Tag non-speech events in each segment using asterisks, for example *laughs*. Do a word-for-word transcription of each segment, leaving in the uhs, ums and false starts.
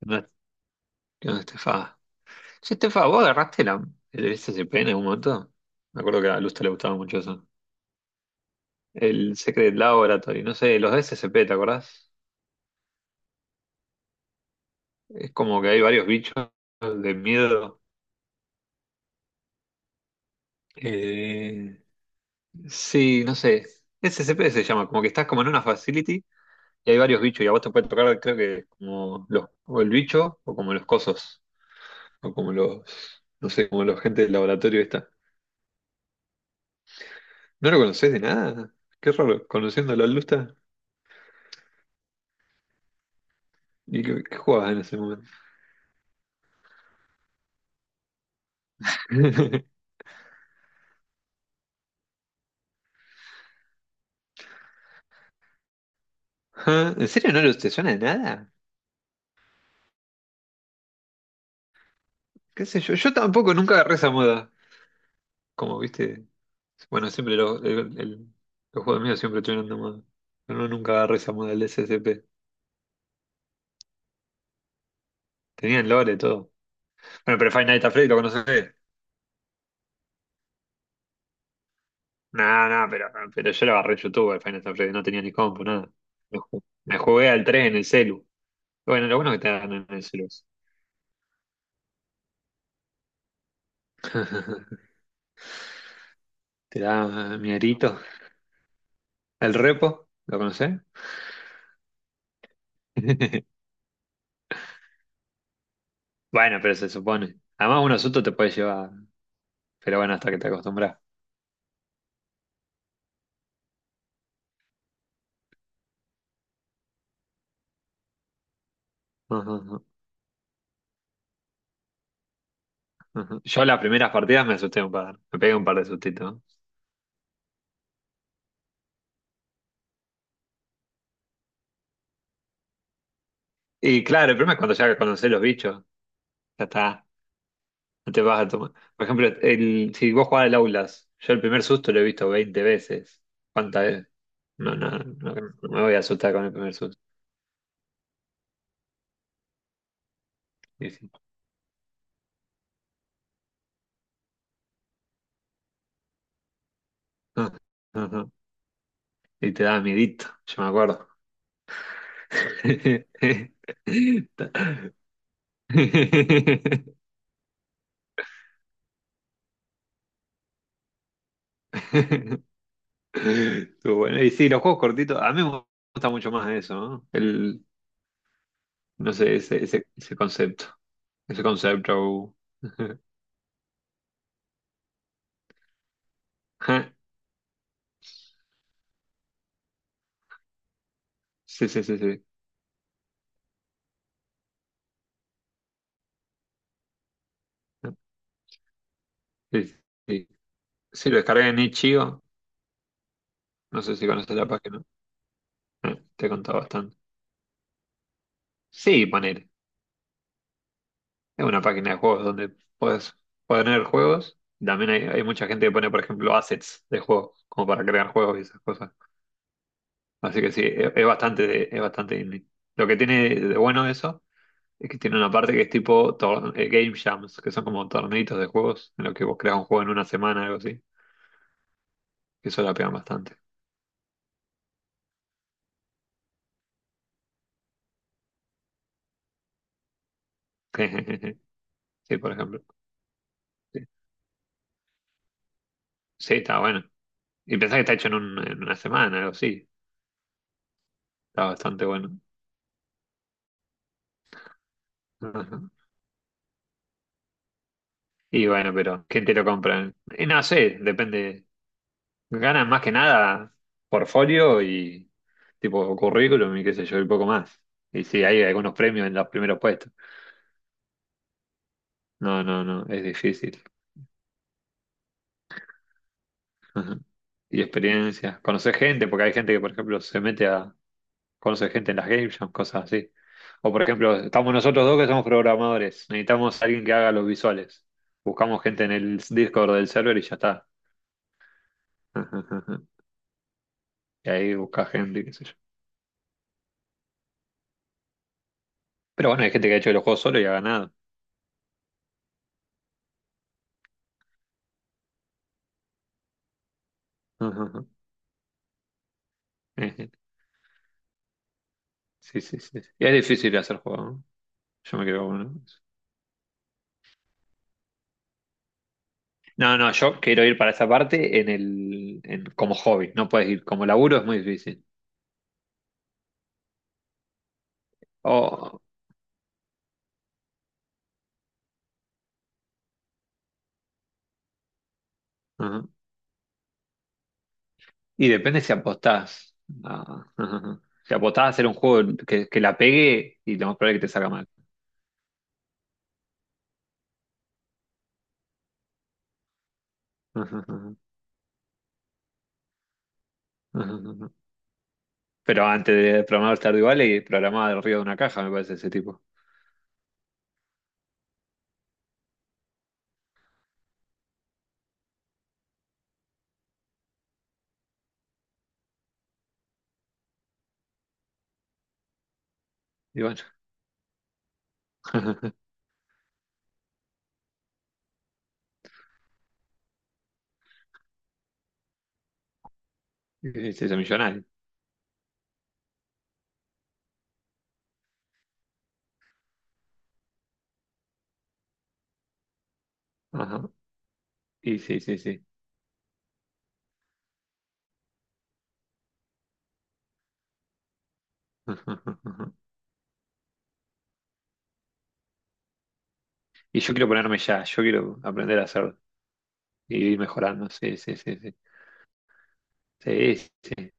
No, no, Estefa. Che, Estefa, ¿vos agarraste la, el S C P en algún momento? Me acuerdo que a Lusta le gustaba mucho eso. El Secret Laboratory, no sé, los S C P, ¿te acordás? Es como que hay varios bichos de miedo. Eh, sí, no sé. S C P se llama, como que estás como en una facility y hay varios bichos y a vos te puede tocar, creo que como los, o el bicho o como los cosos, o como los, no sé, como los gente del laboratorio esta. ¿No lo conocés de nada? Qué raro, conociéndolo a Lusta. ¿Y qué, qué jugabas en ese momento? *laughs* Ah, ¿en serio no lo- te suena de nada? ¿Qué sé yo? Yo tampoco nunca agarré esa moda. Como viste, bueno, siempre lo- el- el- los juegos míos siempre estuvieron de moda. Pero no, nunca agarré esa moda del S C P. Tenían lore, todo. Bueno, pero Final Nights at Freddy lo conocés. No, no, pero, pero yo lo agarré en YouTube, el Final Nights at Freddy. No tenía ni compu, nada. Me, ju- me jugué al tres en el celu. Bueno, lo bueno es que te dan en el celu. *laughs* Te da mierito. ¿El repo? ¿Lo conocés? *laughs* Bueno, pero se supone. Además, un susto te puede llevar, pero bueno, hasta que te acostumbras. Ujú, ujú, Ujú. Yo las primeras partidas me asusté un par, me pegué un par de sustitos. Y claro, el problema es cuando ya conocés los bichos, ya está, no te vas a tomar. Por ejemplo, el, si vos jugás al Aulas, yo el primer susto lo he visto veinte veces. ¿Cuántas veces? No, no, no, no me voy a asustar con el primer susto. Y sí. Ujú, Ujú. Y te da miedito, yo me acuerdo. *laughs* *laughs* Estuvo bueno. Y sí, los juegos cortitos, a mí me gusta mucho más eso, ¿no? El, no sé, ese, ese, ese concepto. Ese concepto. *laughs* Ajá. Sí, sí, sí, sí. Ah, Sí, sí. Sí, lo descargué en itch punto io. No sé si conoces la página. Eh, Te he contado bastante. Sí, poner. Es una página de juegos donde puedes poner juegos. También hay, hay mucha gente que pone, por ejemplo, assets de juegos, como para crear juegos y esas cosas. Así que sí, es, es bastante, es bastante indie. Lo que tiene de bueno eso es que tiene una parte que es tipo tor- eh, Game Jams, que son como torneitos de juegos en los que vos creas un juego en una semana, algo así. Que eso la pegan bastante. *laughs* Sí, por ejemplo. Sí, sí, está bueno. Y pensás que está hecho en, un- en una semana, algo así. Está bastante bueno. Ajá. Y bueno, pero ¿quién te lo compra? Y no sé, depende. Ganan más que nada portfolio y tipo currículum y qué sé yo, y poco más. Y sí, hay algunos premios en los primeros puestos. No, no, no, es difícil. Ajá. Y experiencias. Conocer gente, porque hay gente que, por ejemplo, se mete a conocer gente en las game jams, cosas así. O, por ejemplo, estamos nosotros dos que somos programadores. Necesitamos a alguien que haga los visuales. Buscamos gente en el Discord del server y ya está. Ajá, ajá. ajá. Y ahí busca gente, qué sé yo. Pero bueno, hay gente que ha hecho los juegos solo y ha ganado. Ajá, ajá. Ejé. Sí, sí, sí. Y es difícil hacer juego, ¿no? Yo me quedo con uno. No, no, yo quiero ir para esa parte en el, en- como hobby. No puedes ir como laburo, es muy difícil. Oh, ajá. Y depende si apostás. a- *laughs* Si apostás a hacer un juego que, que la pegue y lo más probable es que te salga mal. *laughs* Pero antes de programar Stardew Valley, programaba del río de una caja, me parece ese tipo. Y bueno, *laughs* y se hizo millonario. Ajá. Y sí, sí, sí. *laughs* Y yo quiero ponerme ya, yo quiero aprender a hacerlo y ir mejorando. Sí, sí, sí, sí. Sí, sí.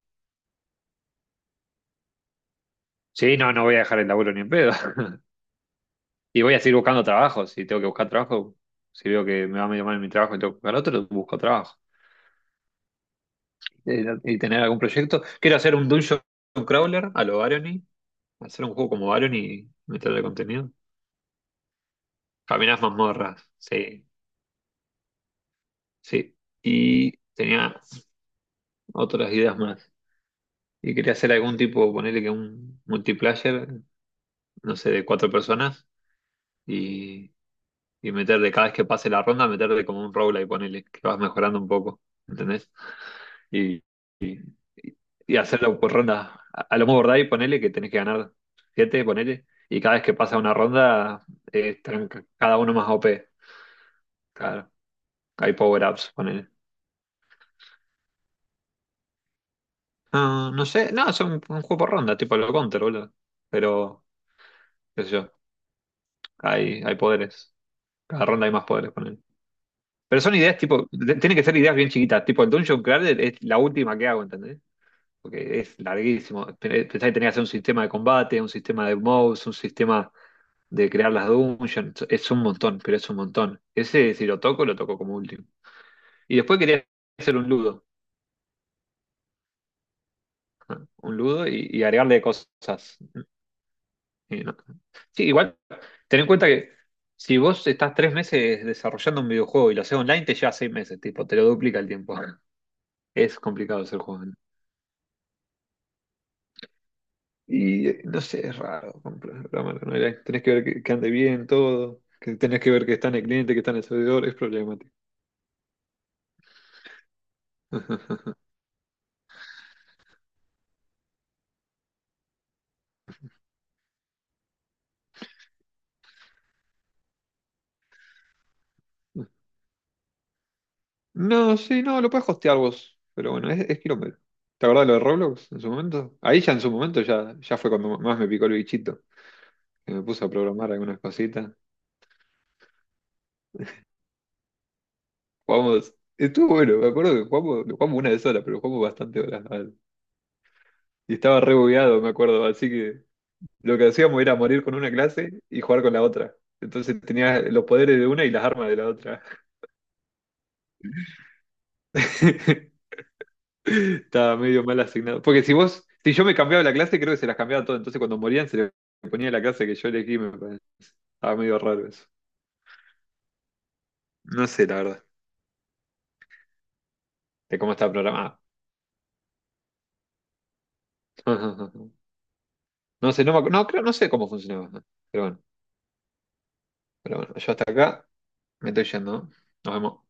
Sí, no, no voy a dejar el laburo ni en pedo. *laughs* Y voy a seguir buscando trabajo. Si tengo que buscar trabajo, si veo que me va medio mal en mi trabajo y tengo que buscar otro, busco trabajo. Eh, Y tener algún proyecto. Quiero hacer un dungeon crawler a lo Barony. Hacer un juego como Barony y meterle contenido. Caminas mazmorras. Sí, sí. Y tenía otras ideas más. Y quería hacer algún tipo, ponerle que un multiplayer, no sé, de cuatro personas. Y, y meterle, cada vez que pase la ronda, meterle como un roguelike, ponerle, que vas mejorando un poco. ¿Entendés? Y, y hacerlo por ronda. A, a lo mejor ¿verdad? Y ponele que tenés que ganar siete, ponele. Y cada vez que pasa una ronda, eh, están c- cada uno más O P. Claro, hay power-ups, ponele. Ah, no sé, no, es un, un juego por ronda, tipo el Counter, boludo. Pero, qué sé yo, hay, hay poderes. Cada ronda hay más poderes, ponele. Pero son ideas, tipo, de- tienen que ser ideas bien chiquitas. Tipo, el Dungeon Crawler es la última que hago, ¿entendés? Porque es larguísimo. Pe- Pensá que tenés que hacer un sistema de combate, un sistema de moves, un sistema de crear las dungeons, es un montón, pero es un montón. Ese, si lo toco, lo toco como último. Y después quería hacer un ludo, ¿no? Un ludo y, y agregarle cosas. Y no- Sí, igual, ten en cuenta que si vos estás tres meses desarrollando un videojuego y lo haces online, te lleva seis meses, tipo, te lo duplica el tiempo. *laughs* Es complicado hacer juegos online. Y eh, no sé, es raro programar en online. Tenés que ver que, que ande bien todo, que tenés que ver que está en el cliente, que está en el servidor, es problemático. *laughs* No, sí, no, lo puedes hostear vos. Pero bueno, es, es quilombo. ¿Te acordás de lo de Roblox en su momento? Ahí ya en su momento ya, ya fue cuando más me picó el bichito, que me puse a programar algunas cositas. Jugamos. Estuvo bueno, me acuerdo que jugamos, lo jugamos una de sola, pero jugamos bastante horas. al- Y estaba re bugueado, me acuerdo. Así que lo que hacíamos era morir con una clase y jugar con la otra. Entonces tenía los poderes de una y las armas de la otra. *laughs* Estaba medio mal asignado. Porque si vos, si yo me cambiaba la clase, creo que se las cambiaba todo. Entonces cuando morían se le ponía la clase que yo elegí, me parece. Estaba medio raro eso. No sé, la verdad, de cómo estaba programado. *laughs* No sé, no me acu- no, creo, no sé cómo funcionaba. Pero bueno, pero bueno, yo hasta acá me estoy yendo, ¿no? Nos vemos.